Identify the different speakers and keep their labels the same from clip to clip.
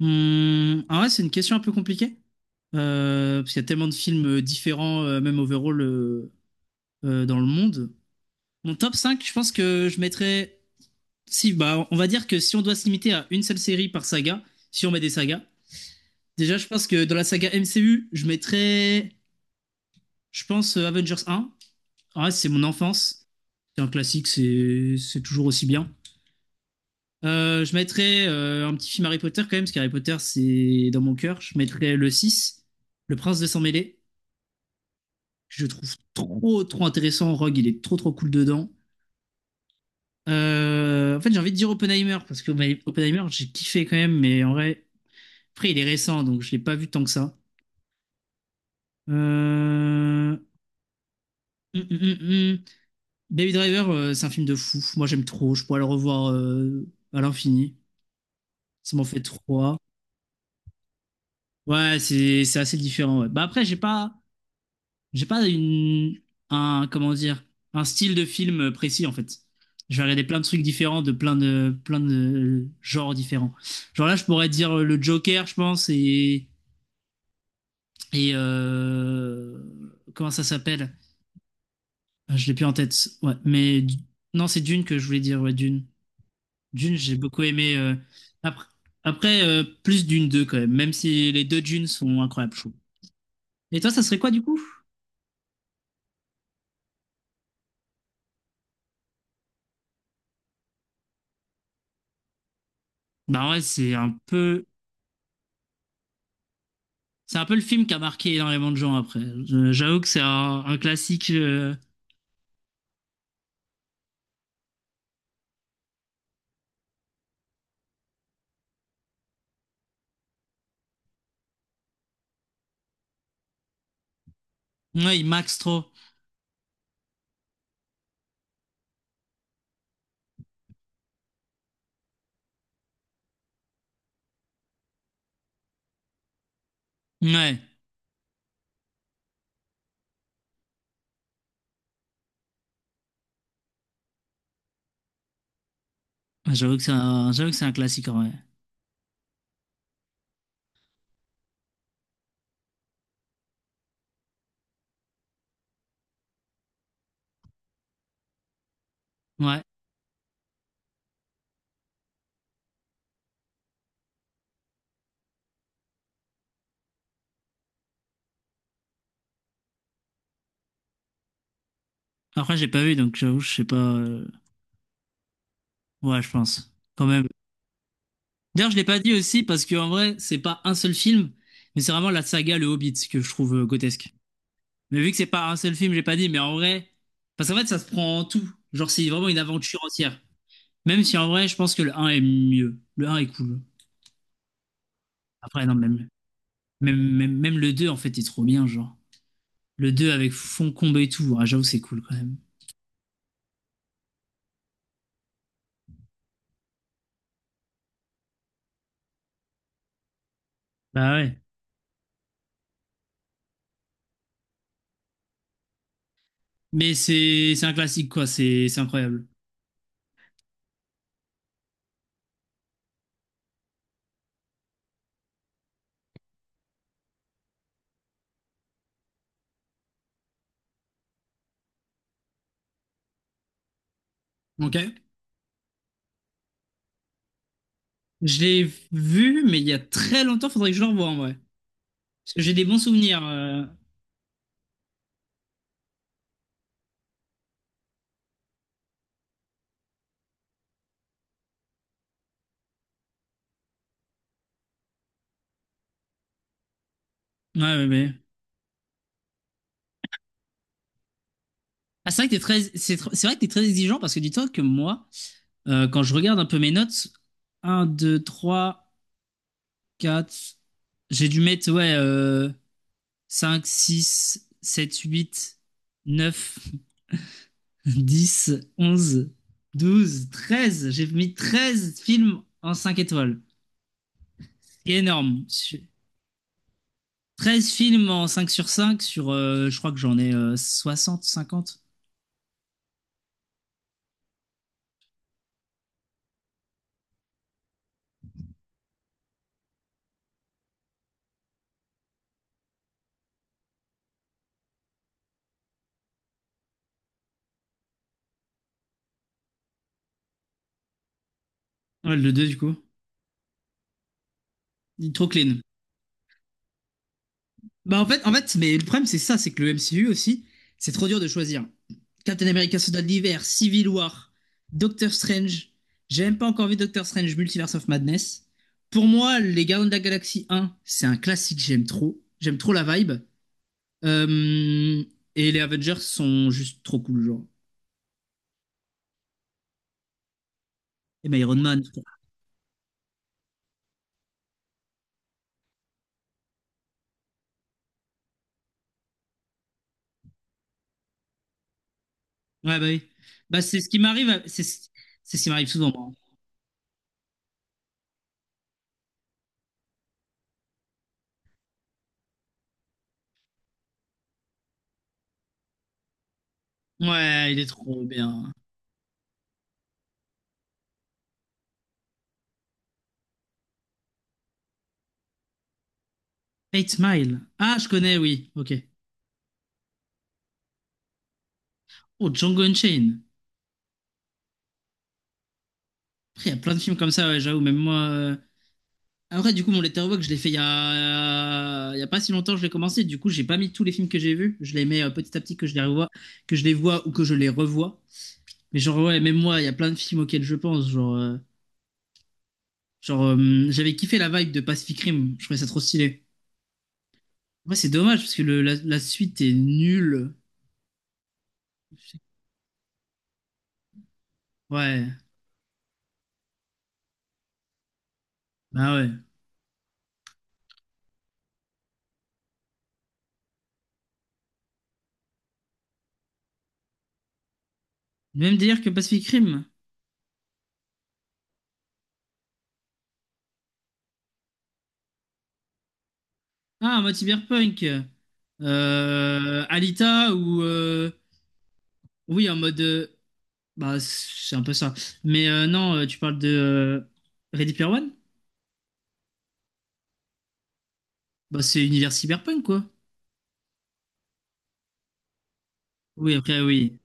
Speaker 1: Ah ouais, c'est une question un peu compliquée. Parce qu'il y a tellement de films différents, même overall, dans le monde. Mon top 5, je pense que je mettrais. Si, bah, on va dire que si on doit se limiter à une seule série par saga, si on met des sagas, déjà, je pense que dans la saga MCU, je mettrais, je pense, Avengers un. Ah ouais, c'est mon enfance. C'est un classique, c'est toujours aussi bien. Je mettrais un petit film Harry Potter quand même, parce qu'Harry Potter, c'est dans mon cœur. Je mettrais le 6, Le Prince de Sang-Mêlé. Que je trouve trop, trop intéressant. Rogue, il est trop, trop cool dedans. En fait, j'ai envie de dire Oppenheimer, parce que bah, Oppenheimer, j'ai kiffé quand même, mais en vrai, après, il est récent, donc je l'ai pas vu tant que ça. Euh... hum, hum. Baby Driver, c'est un film de fou. Moi, j'aime trop. Je pourrais le revoir à l'infini. Ça m'en fait trois. Ouais, c'est assez différent. Ouais. Bah après, j'ai pas une, un, comment dire, un style de film précis en fait. Je vais regarder plein de trucs différents de plein de genres différents. Genre là, je pourrais dire le Joker, je pense, et comment ça s'appelle? Ah, je l'ai plus en tête. Ouais, mais non, c'est Dune que je voulais dire. Ouais, Dune. Dune, j'ai beaucoup aimé. Après, après, plus Dune deux quand même, même si les deux Dunes sont incroyables, je trouve. Et toi, ça serait quoi du coup? Bah ouais, c'est un peu. C'est un peu le film qui a marqué énormément de gens après. J'avoue que c'est un classique. Ouais, il max trop. Ouais, j'avoue que c'est un classique en vrai. Ouais. Après, j'ai pas vu, donc j'avoue, je sais pas. Ouais, je pense. Quand même. D'ailleurs, je l'ai pas dit aussi parce que en vrai, c'est pas un seul film, mais c'est vraiment la saga Le Hobbit que je trouve grotesque. Mais vu que c'est pas un seul film, j'ai pas dit, mais en vrai. Parce qu'en fait, ça se prend en tout. Genre, c'est vraiment une aventure entière. Même si en vrai, je pense que le un est mieux. Le un est cool. Après, non, même. Même, même, même le 2 en fait, est trop bien, genre. Le 2 avec Foncombe et tout. Ah, j'avoue, c'est cool quand même. Bah ouais. Mais c'est un classique, quoi. C'est incroyable. Ok. Je l'ai vu, mais il y a très longtemps, faudrait que je le revoie en vrai. Parce que j'ai des bons souvenirs. Ouais, ouais, ouais. Ah, c'est vrai que t'es très exigeant parce que dis-toi que moi, quand je regarde un peu mes notes, un deux trois quatre j'ai dû mettre, ouais, 5, 6, 7, 8, 9. 10, 11, 12, 13. J'ai mis 13 films en 5 étoiles. C'est énorme. 13 films en cinq sur, je crois que j'en ai 60, 50. Ouais, le deux du coup. Il est trop clean. Bah en fait, mais le problème c'est ça, c'est que le MCU aussi, c'est trop dur de choisir. Captain America Soldat de l'hiver, Civil War, Doctor Strange. J'ai même pas encore vu Doctor Strange Multiverse of Madness. Pour moi, les Gardiens de la Galaxie un c'est un classique, j'aime trop. J'aime trop la vibe. Euh, et les Avengers sont juste trop cool, genre. Et ben Iron Man. Putain. Ouais, bah oui. Bah, c'est ce qui m'arrive, c'est ce qui m'arrive souvent, moi. Ouais, il est trop bien. Eight Mile. Ah, je connais, oui. Ok. Oh, Django Unchained. Après, il y a plein de films comme ça, ouais, j'avoue. Même moi. Après, du coup, mon Letterboxd, je l'ai fait il y a pas si longtemps, je l'ai commencé. Du coup, j'ai pas mis tous les films que j'ai vus. Je les mets petit à petit que je les revois, que je les vois ou que je les revois. Mais genre, ouais, même moi, il y a plein de films auxquels je pense. Genre, j'avais kiffé la vibe de Pacific Rim. Je trouvais ça trop stylé. Ouais, c'est dommage parce que la suite est nulle. Ouais, bah ouais. Même délire que Pacific Rim. Ah, en mode cyberpunk. Alita oui, en mode. Bah, c'est un peu ça. Mais non, tu parles de Ready Player One? Bah, c'est univers cyberpunk, quoi. Oui, après, oui.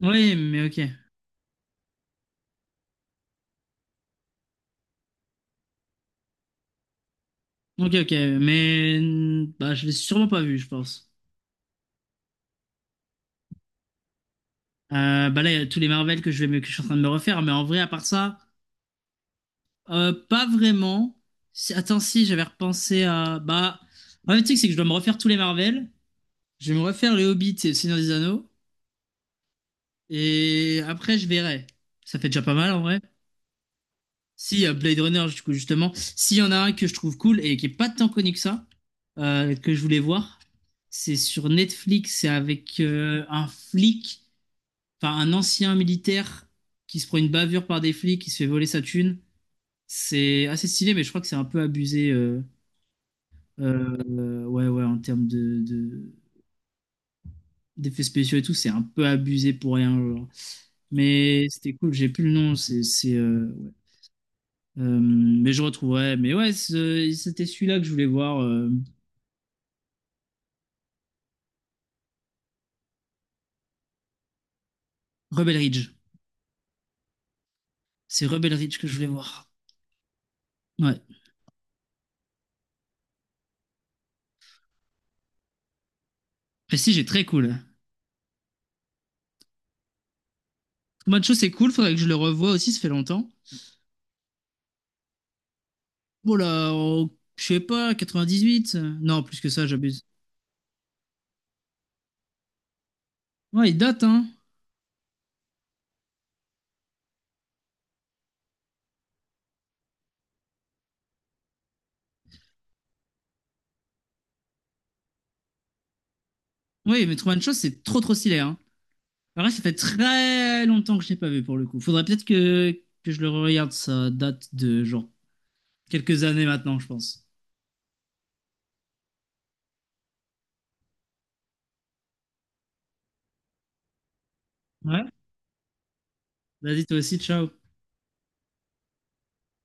Speaker 1: Oui, mais ok. Ok, ok. Bah, je l'ai sûrement pas vu, je pense. Bah là, il y a tous les Marvel que je vais, que je suis en train de me refaire, mais en vrai, à part ça, pas vraiment. Attends, si, j'avais repensé à, bah, en fait, tu sais, que c'est que je dois me refaire tous les Marvel. Je vais me refaire les Hobbits et le Seigneur des Anneaux, et après, je verrai. Ça fait déjà pas mal, en vrai. Si, Blade Runner, du coup, justement, s'il y en a un que je trouve cool et qui est pas tant connu que ça, que je voulais voir, c'est sur Netflix, c'est avec un flic, enfin, un ancien militaire qui se prend une bavure par des flics, qui se fait voler sa thune. C'est assez stylé, mais je crois que c'est un peu abusé. Ouais, ouais, en termes d'effets spéciaux et tout, c'est un peu abusé pour rien. Genre. Mais c'était cool, j'ai plus le nom. C'est, ouais. Mais je retrouverai. Mais ouais, c'était celui-là que je voulais voir. Rebel Ridge. C'est Rebel Ridge que je voulais voir. Ouais. Prestige est très cool. Macho, c'est cool, faudrait que je le revoie aussi, ça fait longtemps. Bon là, je sais pas, 98. Non, plus que ça, j'abuse. Ouais, il date, hein. Oui, mais Truman Show, c'est trop trop stylé, hein. En vrai, ça fait très longtemps que je l'ai pas vu pour le coup. Faudrait peut-être que, je le regarde. Ça date de genre quelques années maintenant, je pense. Ouais. Vas-y, toi aussi, ciao.